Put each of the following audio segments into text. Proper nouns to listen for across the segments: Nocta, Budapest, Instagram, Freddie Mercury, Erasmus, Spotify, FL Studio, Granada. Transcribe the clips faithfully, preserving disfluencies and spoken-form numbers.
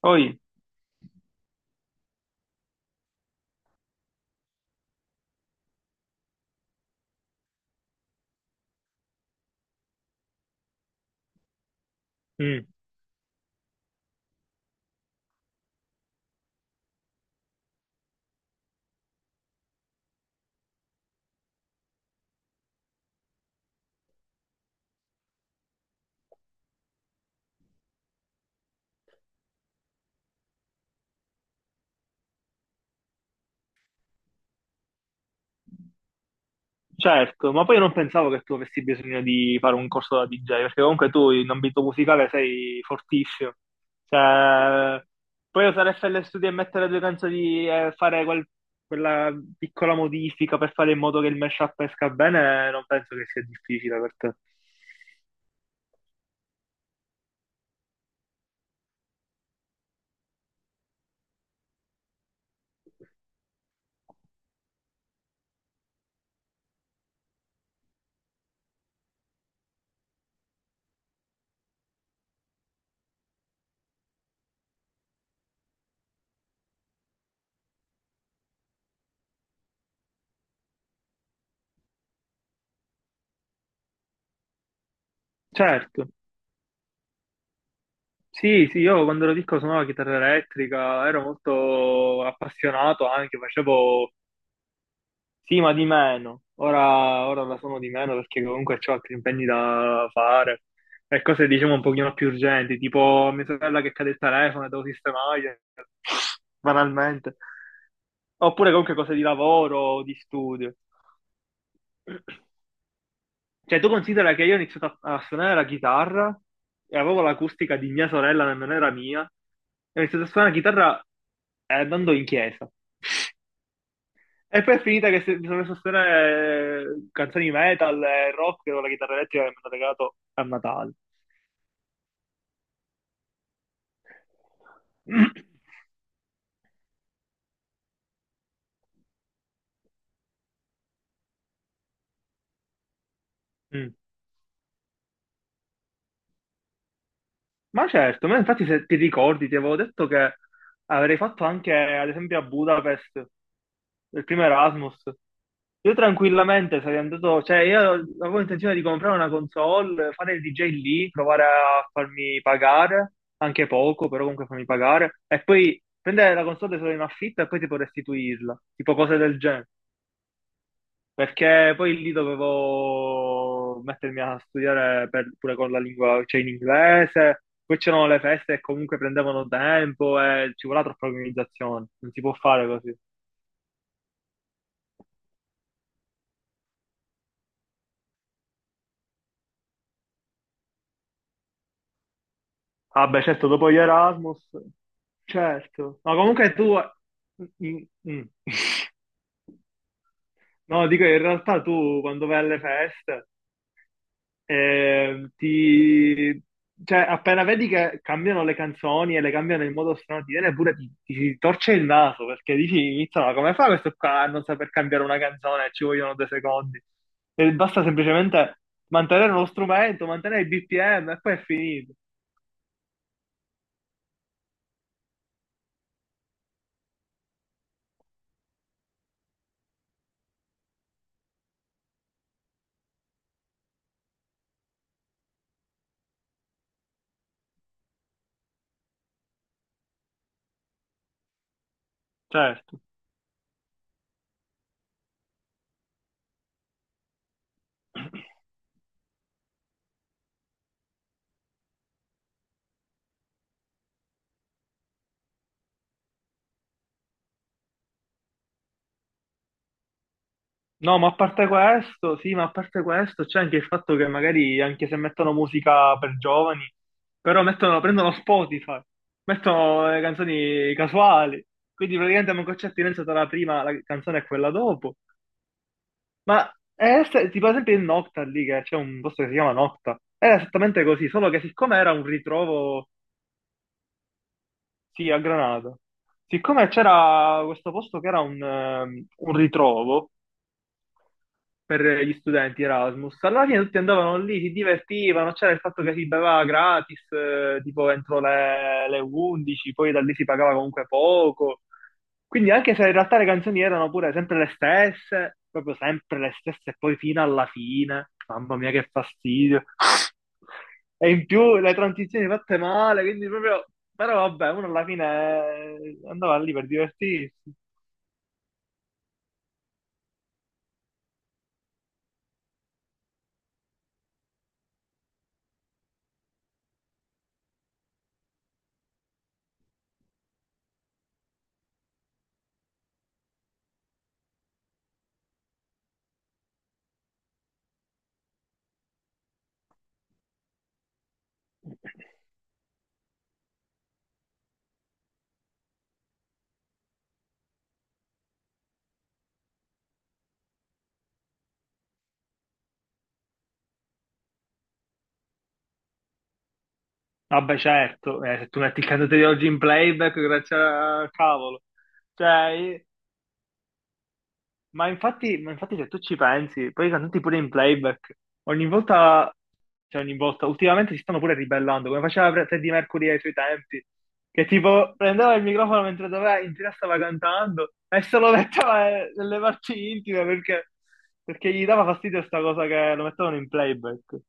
Poi, mm. Certo, ma poi io non pensavo che tu avessi bisogno di fare un corso da D J, perché comunque tu in ambito musicale sei fortissimo. Cioè, puoi usare F L Studio e mettere due canzoni e fare quel- quella piccola modifica per fare in modo che il mashup esca bene, non penso che sia difficile per te. Certo, sì, sì, io quando ero piccolo suonavo la chitarra elettrica, ero molto appassionato anche, facevo. Sì, ma di meno. Ora, ora la suono di meno perché comunque ho altri impegni da fare e cose diciamo un pochino più urgenti, tipo mia sorella che cade il telefono e devo sistemargli, banalmente. Oppure comunque cose di lavoro o di studio. Cioè, tu considera che io ho iniziato a, a suonare la chitarra e avevo l'acustica di mia sorella, nemmeno era mia. E ho iniziato a suonare la chitarra eh, andando in chiesa. E poi è finita che se- mi sono messo a suonare eh, canzoni metal e rock con la chitarra elettrica che mi hanno regalato a Natale. Mm. Ma certo, ma infatti se ti ricordi, ti avevo detto che avrei fatto anche, ad esempio, a Budapest. Del primo Erasmus. Io tranquillamente sarei andato, cioè io avevo intenzione di comprare una console, fare il D J lì, provare a farmi pagare, anche poco, però comunque farmi pagare, e poi prendere la console solo in affitto e poi tipo restituirla, tipo cose del genere, perché poi lì dovevo mettermi a studiare per- pure con la lingua, cioè in inglese, poi c'erano le feste e comunque prendevano tempo e ci voleva troppa organizzazione, non si può fare così. Ah, beh, certo, dopo gli Erasmus, certo. Ma comunque tu... Mm, mm. No, dico, in realtà tu quando vai alle feste, eh, ti... Cioè, appena vedi che cambiano le canzoni e le cambiano in modo strano, ti viene pure, ti, ti si torce il naso, perché dici, "Minchia, ma come fa questo qua a non saper cambiare una canzone? Ci vogliono due secondi. E basta semplicemente mantenere lo strumento, mantenere il B P M e poi è finito." Certo. No, ma a parte questo, sì, ma a parte questo, c'è anche il fatto che magari anche se mettono musica per giovani, però mettono, prendono Spotify, mettono le canzoni casuali, quindi praticamente manco c'è attinenza tra la prima la canzone e quella dopo. Ma è ess- tipo ad esempio il Nocta lì, che c'è un posto che si chiama Nocta, era esattamente così, solo che siccome era un ritrovo, sì, a Granada, siccome c'era questo posto che era un ehm, un ritrovo, per gli studenti Erasmus. Alla fine tutti andavano lì, si divertivano, c'era il fatto che si beveva gratis, eh, tipo entro le, le undici, poi da lì si pagava comunque poco. Quindi anche se in realtà le canzoni erano pure sempre le stesse, proprio sempre le stesse, e poi fino alla fine, mamma mia che fastidio. E in più le transizioni fatte male, quindi proprio... Però vabbè, uno alla fine eh, andava lì per divertirsi. Vabbè, certo, eh, se tu metti il cantante di oggi in playback, grazie al cavolo. Cioè, eh, ma infatti, ma infatti se tu ci pensi, poi i cantanti pure in playback, ogni volta, cioè ogni volta, ultimamente si stanno pure ribellando, come faceva Fre- Freddie Mercury ai suoi tempi, che tipo prendeva il microfono mentre doveva, in diretta stava cantando e se lo metteva eh, nelle parti intime perché, perché gli dava fastidio sta cosa che lo mettevano in playback.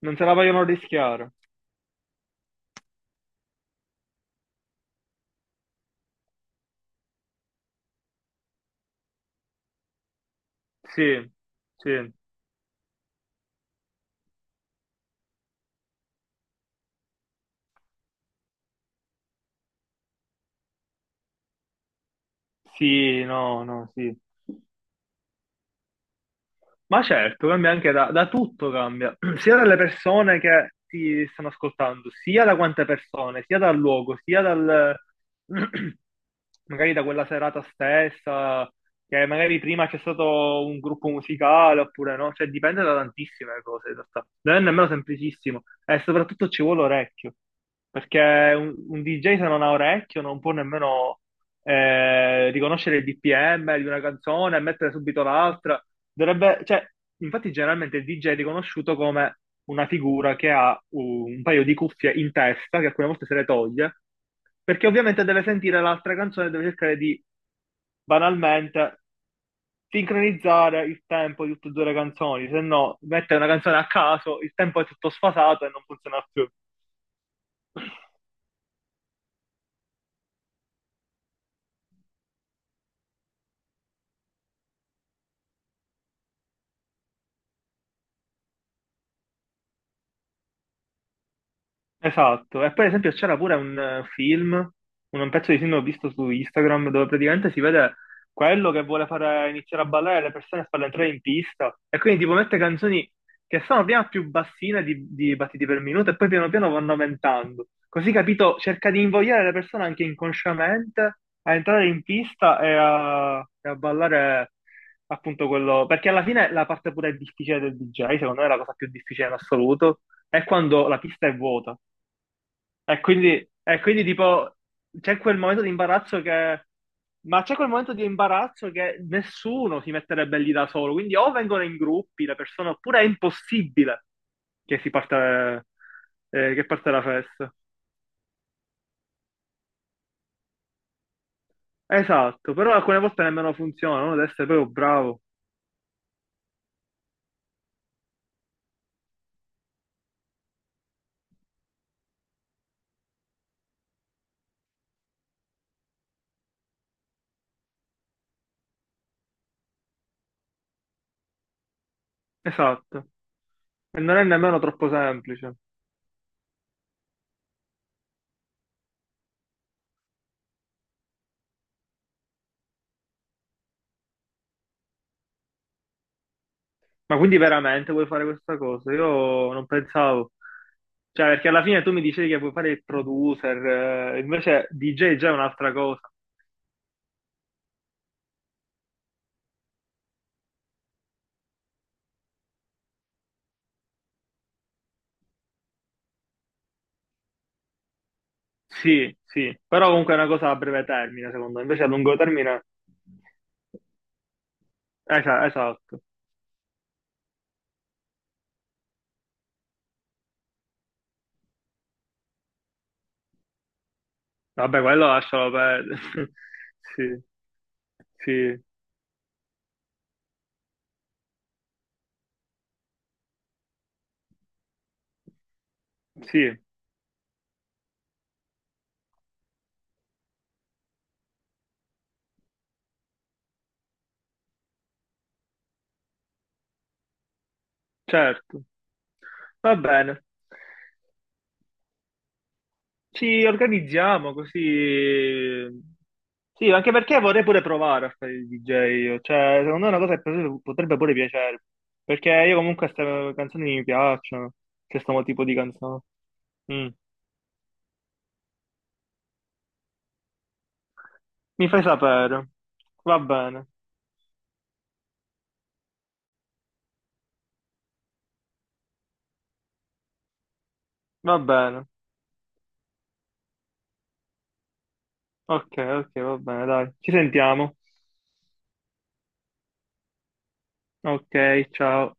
Non se la vogliono rischiare. Sì, sì. Sì, no, no, sì. Ma certo, cambia anche da, da tutto, cambia, sia dalle persone che ti stanno ascoltando, sia da quante persone, sia dal luogo, sia dal... magari da quella serata stessa, che magari prima c'è stato un gruppo musicale oppure no, cioè dipende da tantissime cose in realtà, non è nemmeno semplicissimo e soprattutto ci vuole orecchio, perché un, un D J se non ha orecchio non può nemmeno eh, riconoscere il B P M di una canzone e mettere subito l'altra. Dovrebbe, cioè, infatti, generalmente il D J è riconosciuto come una figura che ha un un paio di cuffie in testa, che alcune volte se le toglie, perché ovviamente deve sentire l'altra canzone e deve cercare di banalmente sincronizzare il tempo di tutte e due le canzoni, se no mette una canzone a caso, il tempo è tutto sfasato e non funziona più. Esatto, e poi ad esempio c'era pure un eh, film, un pezzo di film che ho visto su Instagram dove praticamente si vede quello che vuole fare iniziare a ballare le persone e farle entrare in pista e quindi tipo mette canzoni che sono prima più bassine di, di battiti per minuto e poi piano piano vanno aumentando. Così capito, cerca di invogliare le persone anche inconsciamente a entrare in pista e a, e a ballare appunto quello, perché alla fine la parte pure difficile del D J, secondo me è la cosa più difficile in assoluto, è quando la pista è vuota e quindi, e quindi tipo c'è quel momento di imbarazzo che... Ma c'è quel momento di imbarazzo che nessuno si metterebbe lì da solo, quindi o vengono in gruppi le persone, oppure è impossibile che si parta, eh, che parte la festa. Esatto, però alcune volte nemmeno funziona, uno deve essere proprio bravo. Esatto, e non è nemmeno troppo semplice. Ma quindi veramente vuoi fare questa cosa? Io non pensavo. Cioè, perché alla fine tu mi dicevi che vuoi fare il producer, eh, invece D J già è già un'altra cosa. Sì, sì, però comunque è una cosa a breve termine, secondo me. Invece a lungo termine, esa- esatto. Vabbè, quello lascialo perdere. Sì, sì, sì, certo. Va bene. Ci organizziamo così. Sì, anche perché vorrei pure provare a fare il D J. Io. Cioè, secondo me è una cosa che potrebbe potrebbe pure piacere. Perché io comunque queste canzoni mi piacciono. Questo tipo di canzone. Mm. Mi fai sapere. Va bene, va bene. Ok, ok, va bene, dai. Ci sentiamo. Ok, ciao.